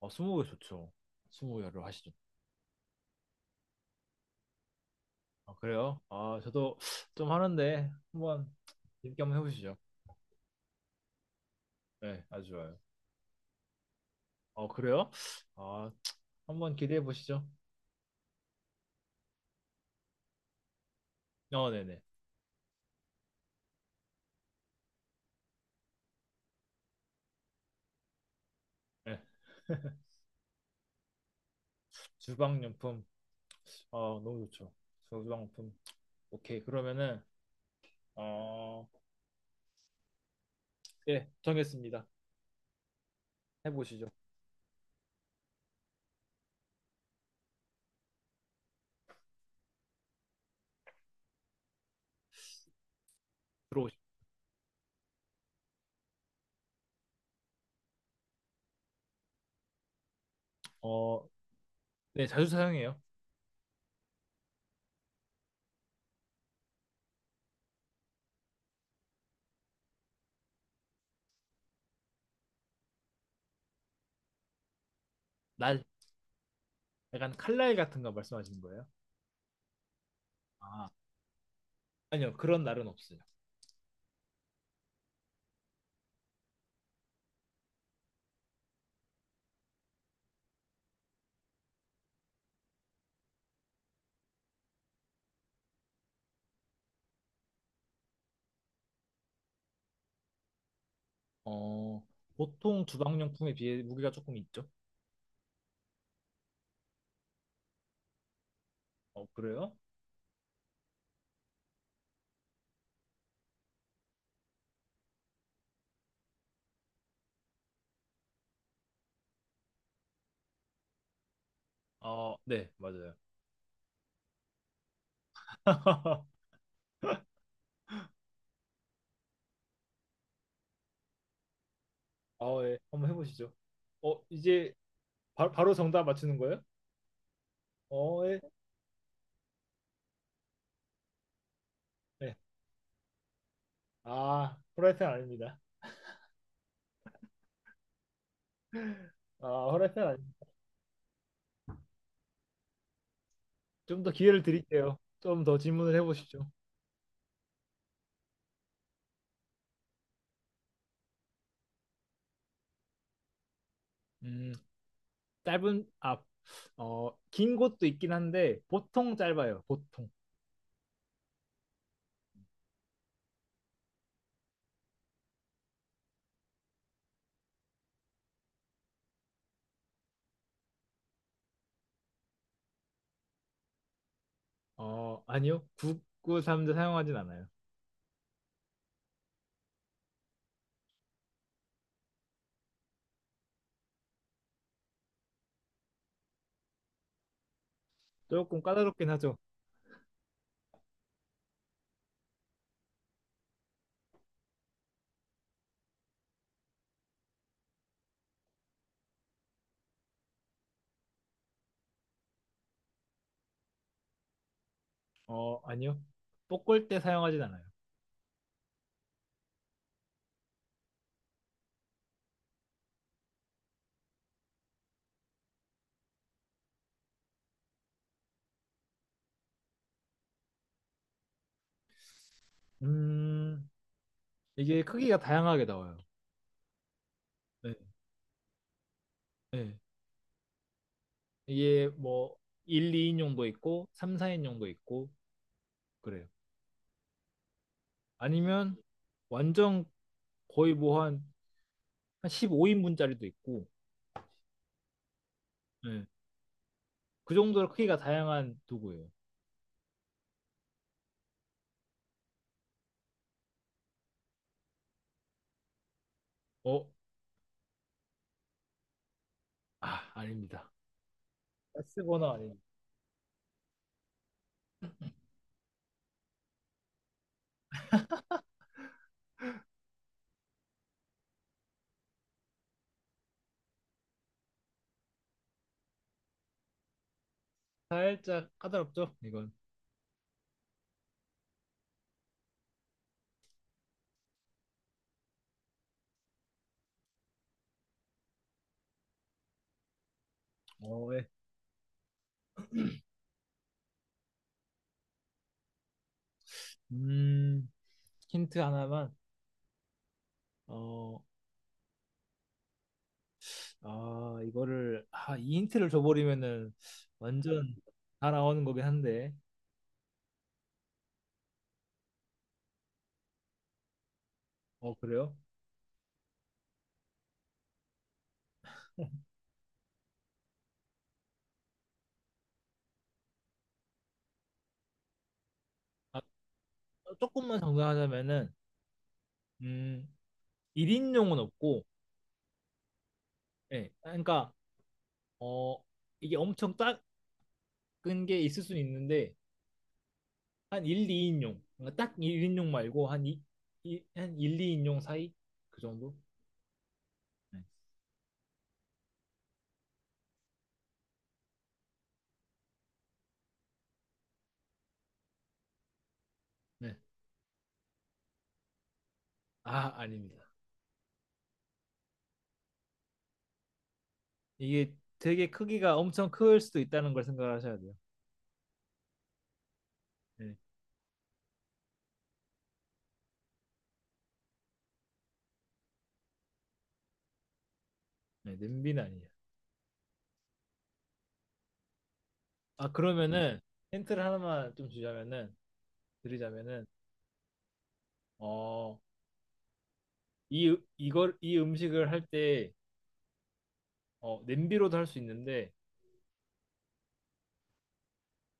어, 스무고개 좋죠. 스무고개로 하시죠. 아, 그래요? 아, 저도 좀 하는데 한번 재밌게 한번 해보시죠. 네, 아주 좋아요. 어, 그래요? 아, 한번 기대해 보시죠. 어, 네네. 네. 주방용품. 아, 너무 좋죠. 주방용품. 오케이. 그러면은 어, 네, 정했습니다. 해보시죠. 들어오시죠. 어, 네, 자주 사용해요. 날, 약간 칼날 같은 거 말씀하시는 거예요? 아, 아니요. 그런 날은 없어요. 어, 보통 주방용품에 비해 무게가 조금 있죠. 어, 그래요? 아, 네, 맞아요. 아, 예. 한번 해보시죠. 어, 이제 바로 정답 맞추는 거예요? 어, 예. 네. 아, 후라이팬 아닙니다. 아, 후라이팬 아니. 좀더 기회를 드릴게요. 좀 더 질문을 해보시죠. 음, 짧은 앞. 어, 긴 곳도 있긴 한데 보통 짧아요. 보통. 어, 아니요. 9 9 3자 사용하진 않아요. 조금 까다롭긴 하죠. 어, 아니요. 볶을 때 사용하진 않아요. 음, 이게 크기가 다양하게 나와요. 네. 네. 이게 뭐 1, 2인용도 있고 3, 4인용도 있고 그래요. 아니면 완전 거의 뭐 한 15인분짜리도 있고 네. 그 정도로 크기가 다양한 도구예요. 어, 아, 아닙니다. 가스버너 아닙니다. 살짝 까다롭죠? 이건. 어, 네. 음, 힌트 하나만. 어, 아, 이거를, 아, 이 힌트를 줘버리면은 완전 다 나오는 거긴 한데. 어, 그래요? 아, 조금만 정리하자면은, 음, 1인용은 없고, 예. 그러니까, 어, 이게 엄청 작은 게 있을 수는 있는데, 한 1, 2인용. 그러니까 딱 1인용 말고, 한 1, 2인용 사이? 그 정도? 네. 네. 아, 아닙니다. 이게 되게 크기가 엄청 클 수도 있다는 걸 생각하셔야 돼요. 네. 네, 냄비는 아니에요. 아, 그러면은 힌트를 하나만 좀 주자면은 드리자면은 어, 이걸 이 음식을 할 때 어, 냄비로도 할 수 있는데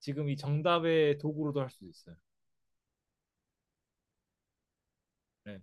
지금 이 정답의 도구로도 할 수 있어요. 네.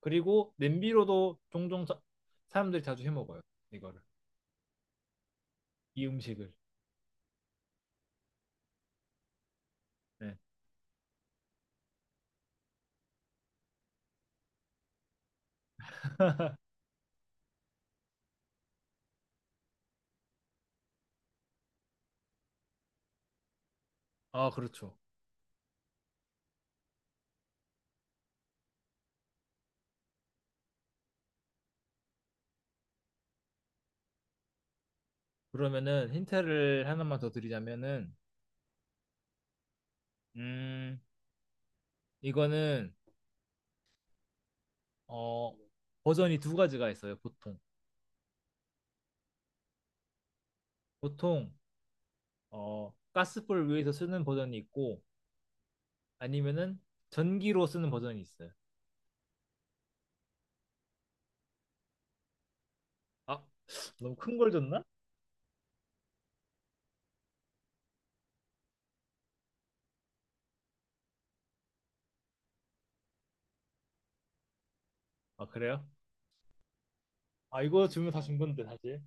그리고 냄비로도 종종 사람들이 자주 해 먹어요. 이거를. 이 음식을. 네. 아, 그렇죠. 그러면은 힌트를 하나만 더 드리자면은 음, 이거는 어, 버전이 두 가지가 있어요, 보통. 보통 어, 가스불 위에서 쓰는 버전이 있고 아니면은 전기로 쓰는 버전이 있어요. 아, 너무 큰 걸 줬나? 아, 그래요? 아, 이거 주면 다 준 건데, 사실.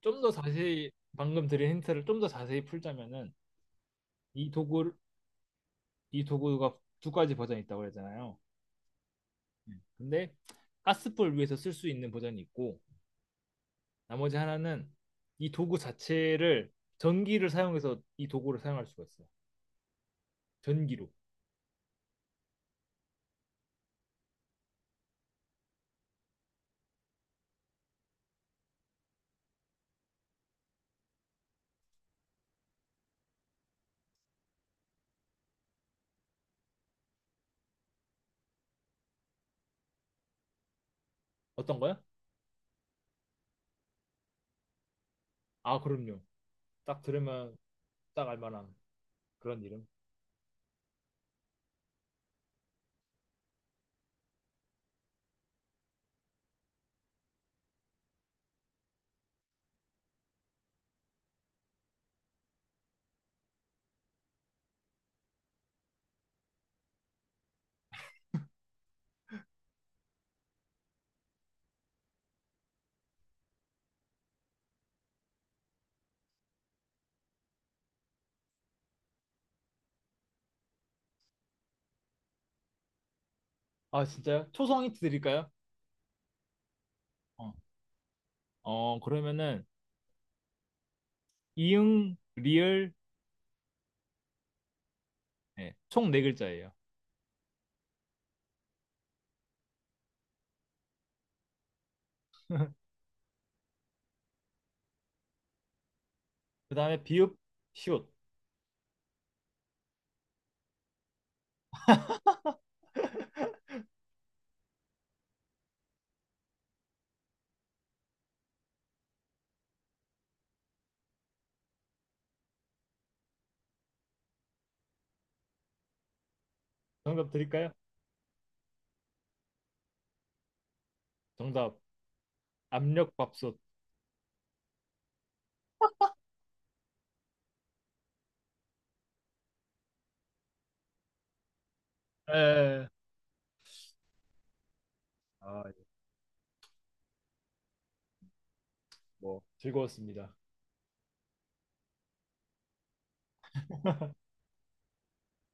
좀 더 자세히, 방금 드린 힌트를 좀 더 자세히 풀자면은, 이 도구, 이 도구가 두 가지 버전이 있다고 그랬잖아요. 음. 근데, 가스불 위에서 쓸 수 있는 버전이 있고, 나머지 하나는 이 도구 자체를 전기를 사용해서 이 도구를 사용할 수가 있어요. 전기로. 어떤 거요? 아, 그럼요. 딱 들으면 딱 알만한 그런 이름. 아, 진짜요? 초성 힌트 드릴까요? 어, 어, 그러면은 이응, 리을, 네, 총네 글자예요. 그 다음에 비읍, 시옷. 정답 드릴까요? 정답 압력밥솥. 에, 아, 예. 뭐, 즐거웠습니다.